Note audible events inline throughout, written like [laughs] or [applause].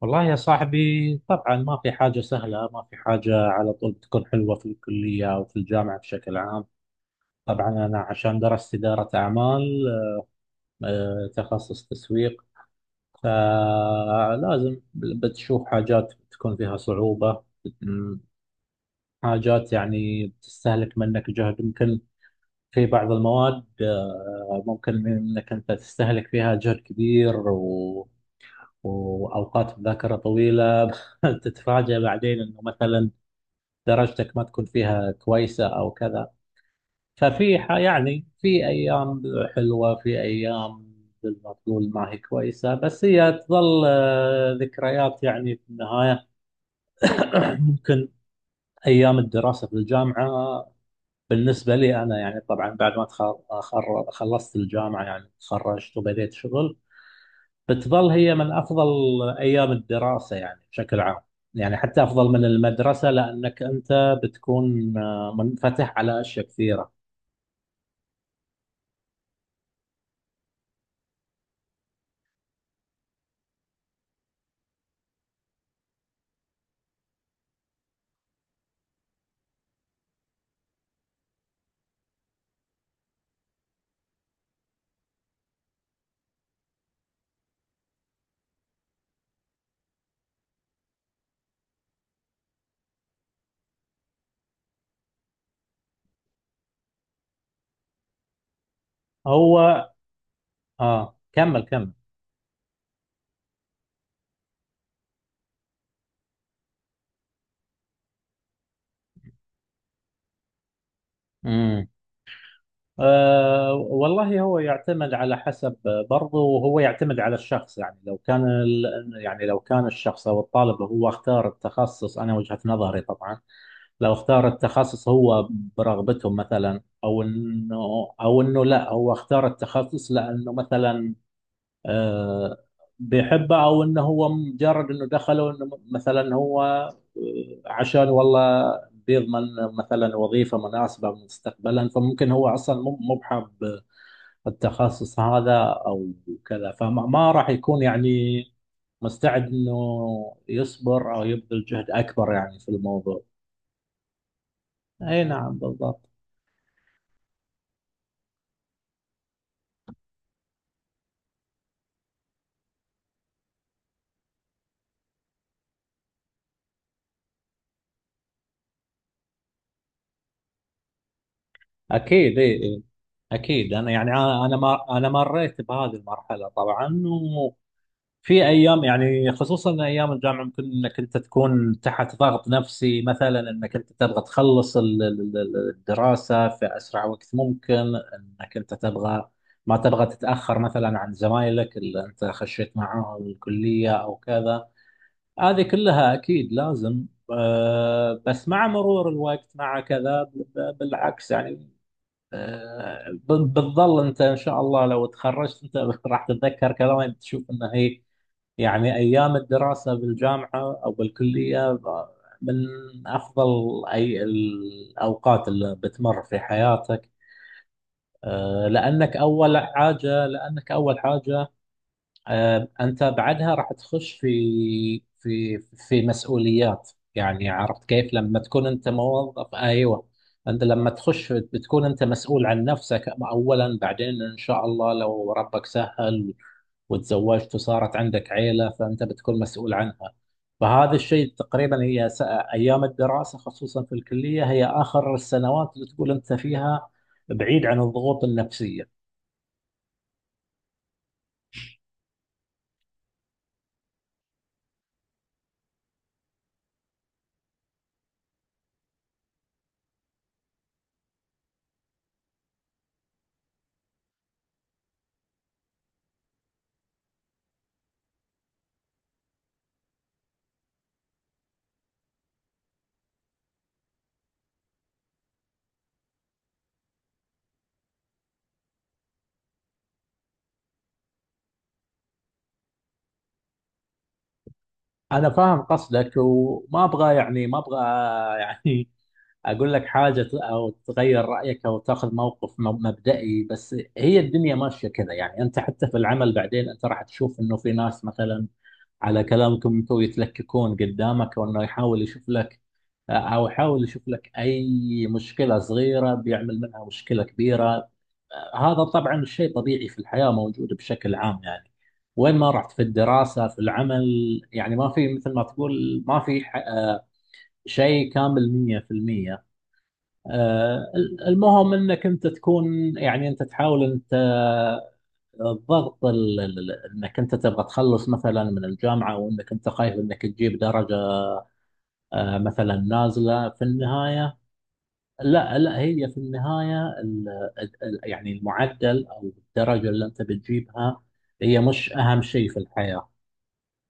والله يا صاحبي، طبعا ما في حاجة سهلة، ما في حاجة على طول بتكون حلوة في الكلية أو في الجامعة بشكل عام. طبعا أنا عشان درست إدارة أعمال، تخصص تسويق، فلازم بتشوف حاجات تكون فيها صعوبة. م- حاجات يعني بتستهلك منك جهد يمكن، في بعض المواد ممكن إنك أنت تستهلك فيها جهد كبير وأوقات مذاكرة طويلة [laughs] تتفاجأ بعدين إنه مثلا درجتك ما تكون فيها كويسة أو كذا. يعني في أيام حلوة، في أيام مثل ما تقول ما هي كويسة، بس هي تظل ذكريات يعني في النهاية. [clears throat] ممكن أيام الدراسة في الجامعة بالنسبة لي أنا، يعني طبعا بعد ما خلصت الجامعة يعني تخرجت وبديت شغل، بتظل هي من أفضل أيام الدراسة يعني بشكل عام، يعني حتى أفضل من المدرسة، لأنك أنت بتكون منفتح على أشياء كثيرة. هو، اه كمل كمل. امم. والله، هو يعتمد على حسب، برضه وهو يعتمد على الشخص. يعني لو كان يعني لو كان الشخص او الطالب هو اختار التخصص، انا وجهة نظري طبعا، لو اختار التخصص هو برغبته مثلا، او انه، لا، هو اختار التخصص لانه مثلا آه، بيحبه، او انه هو مجرد انه دخله، انه مثلا هو عشان والله بيضمن مثلا وظيفه مناسبه مستقبلا، فممكن هو اصلا مو بحب التخصص هذا او كذا، فما ما راح يكون يعني مستعد انه يصبر او يبذل جهد اكبر يعني في الموضوع. اي نعم، بالضبط. اكيد، اي، إي. اكيد انا، يعني انا ما انا مريت بهذه المرحله طبعا، في ايام يعني خصوصا ايام الجامعه ممكن انك انت تكون تحت ضغط نفسي مثلا، انك انت تبغى تخلص الدراسه في اسرع وقت ممكن، انك انت تبغى ما تبغى تتاخر مثلا عن زمايلك اللي انت خشيت معاهم الكليه او كذا. هذه كلها اكيد لازم. بس مع مرور الوقت مع كذا، بالعكس يعني، بتظل انت ان شاء الله لو تخرجت انت [laughs] راح تتذكر كلامي، بتشوف انه هي يعني أيام الدراسة بالجامعة أو بالكلية من أفضل أي الأوقات اللي بتمر في حياتك. لأنك أول حاجة، أنت بعدها راح تخش في في مسؤوليات، يعني عرفت كيف لما تكون أنت موظف. أيوه، أنت لما تخش بتكون أنت مسؤول عن نفسك أولا، بعدين إن شاء الله لو ربك سهل وتزوجت وصارت عندك عيلة فأنت بتكون مسؤول عنها. فهذا الشيء تقريبا هي ايام الدراسه خصوصا في الكليه هي اخر السنوات اللي تقول انت فيها بعيد عن الضغوط النفسيه. انا فاهم قصدك، وما ابغى يعني ما ابغى [laughs] يعني اقول لك حاجه او تغير رايك او تاخذ موقف مبدئي، بس هي الدنيا ماشيه كذا يعني، انت حتى في العمل بعدين انت راح تشوف انه في ناس مثلا على كلامكم انتم يتلككون قدامك، وانه يحاول يشوف لك او حاول يشوف لك اي مشكله صغيره بيعمل منها مشكله كبيره. هذا طبعا شيء طبيعي في الحياه، موجود بشكل عام يعني، وين ما رحت في الدراسه في العمل، يعني ما في مثل ما تقول ما في شيء كامل 100%. آه، المهم انك انت تكون يعني انت تحاول انت الضغط انك انت تبغى تخلص مثلا من الجامعه، وانك انت خايف انك تجيب درجه مثلا نازله في النهايه. لا لا، هي في النهاية يعني المعدل أو الدرجة اللي أنت بتجيبها هي مش أهم شيء في الحياة،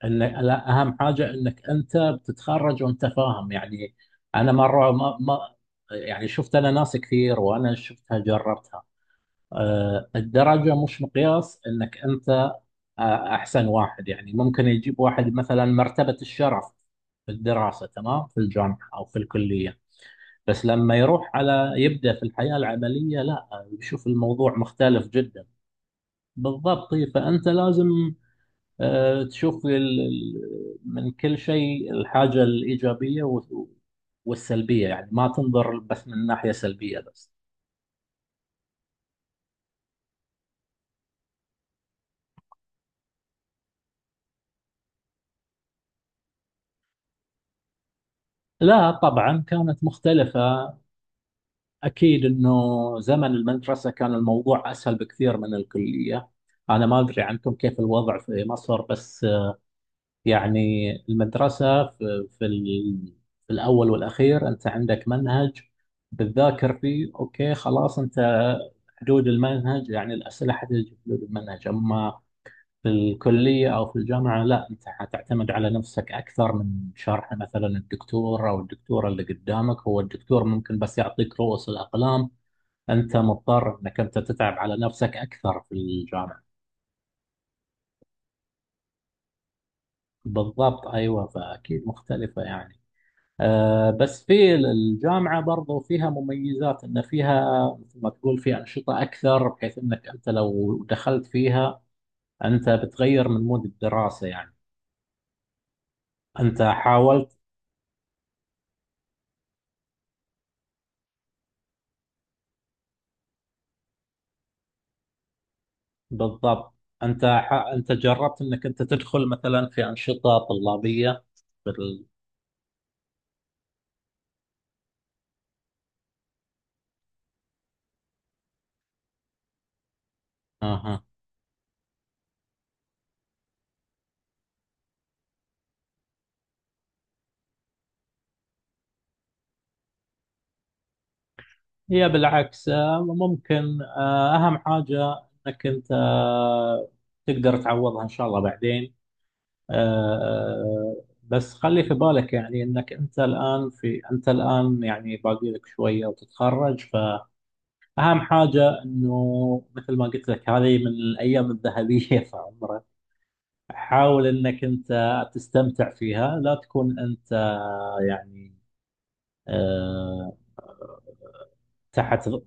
إن لا، أهم حاجة إنك أنت بتتخرج وأنت فاهم يعني. أنا مرة ما يعني شفت أنا ناس كثير وأنا شفتها جربتها، الدرجة مش مقياس إنك أنت أحسن واحد يعني. ممكن يجيب واحد مثلا مرتبة الشرف في الدراسة، تمام، في الجامعة أو في الكلية، بس لما يروح على يبدأ في الحياة العملية، لا، بيشوف الموضوع مختلف جدا. بالضبط، طيب، فأنت لازم تشوف من كل شيء الحاجة الإيجابية والسلبية، يعني ما تنظر بس من ناحية سلبية بس. لا طبعا كانت مختلفة، أكيد أنه زمن المدرسة كان الموضوع أسهل بكثير من الكلية. أنا ما أدري عنكم كيف الوضع في مصر، بس يعني المدرسة في الأول والأخير أنت عندك منهج بتذاكر فيه، أوكي، خلاص، أنت حدود المنهج، يعني الأسئلة حتجي في حدود المنهج. أما في الكلية أو في الجامعة، لا، أنت حتعتمد على نفسك أكثر من شرح مثلا الدكتور أو الدكتورة اللي قدامك، هو الدكتور ممكن بس يعطيك رؤوس الأقلام. أنت مضطر أنك أنت تتعب على نفسك أكثر في الجامعة. بالضبط، أيوه، فأكيد مختلفة يعني، بس في الجامعة برضو فيها مميزات، إن فيها مثل ما تقول في أنشطة أكثر، بحيث إنك أنت لو دخلت فيها أنت بتغير من مود الدراسة يعني، أنت حاولت. بالضبط. أنت أنت جربت إنك أنت تدخل مثلا في أنشطة طلابية بال... أها، هي بالعكس ممكن أهم حاجة إنك أنت تقدر تعوضها إن شاء الله بعدين. بس خلي في بالك يعني انك انت الان انت الان يعني باقي لك شويه وتتخرج. فاهم حاجه، انه مثل ما قلت لك هذه من الايام الذهبيه [laughs] في عمرك، حاول انك انت تستمتع فيها، لا تكون انت يعني آه، تحت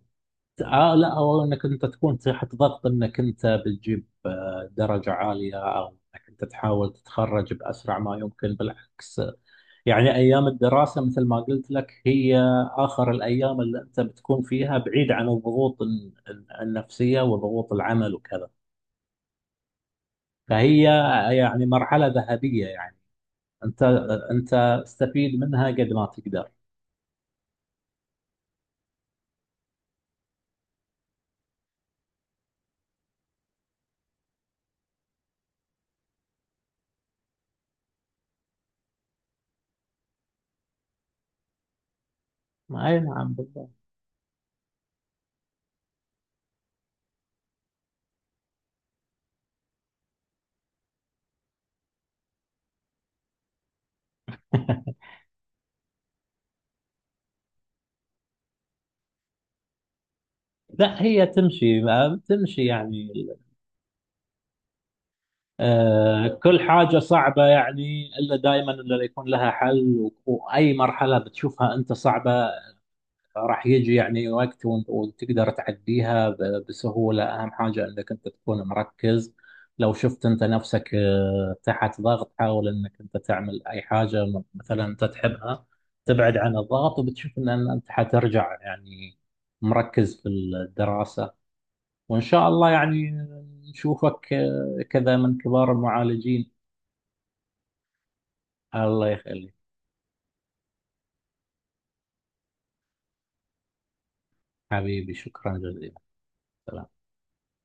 لا، او انك انت تكون تحت ضغط انك انت بتجيب درجه عاليه، او انك انت تحاول تتخرج باسرع ما يمكن. بالعكس يعني، أيام الدراسة مثل ما قلت لك هي آخر الأيام اللي أنت بتكون فيها بعيد عن الضغوط النفسية وضغوط العمل وكذا. فهي يعني مرحلة ذهبية يعني، أنت، أنت استفيد منها قد ما تقدر. أي نعم، بالضبط. [laughs] لا، هي تمشي تمشي يعني. كل حاجة صعبة يعني، إلا دائما إلا يكون لها حل، وأي مرحلة بتشوفها أنت صعبة، راح يجي يعني وقت وتقدر تعديها بسهولة. أهم حاجة أنك أنت تكون مركز. لو شفت أنت نفسك تحت ضغط، حاول أنك أنت تعمل أي حاجة مثلا أنت تحبها، تبعد عن الضغط، وبتشوف أن أنت حترجع يعني مركز في الدراسة. وإن شاء الله يعني نشوفك كذا من كبار المعالجين. الله يخليك، حبيبي، شكرا جزيلا.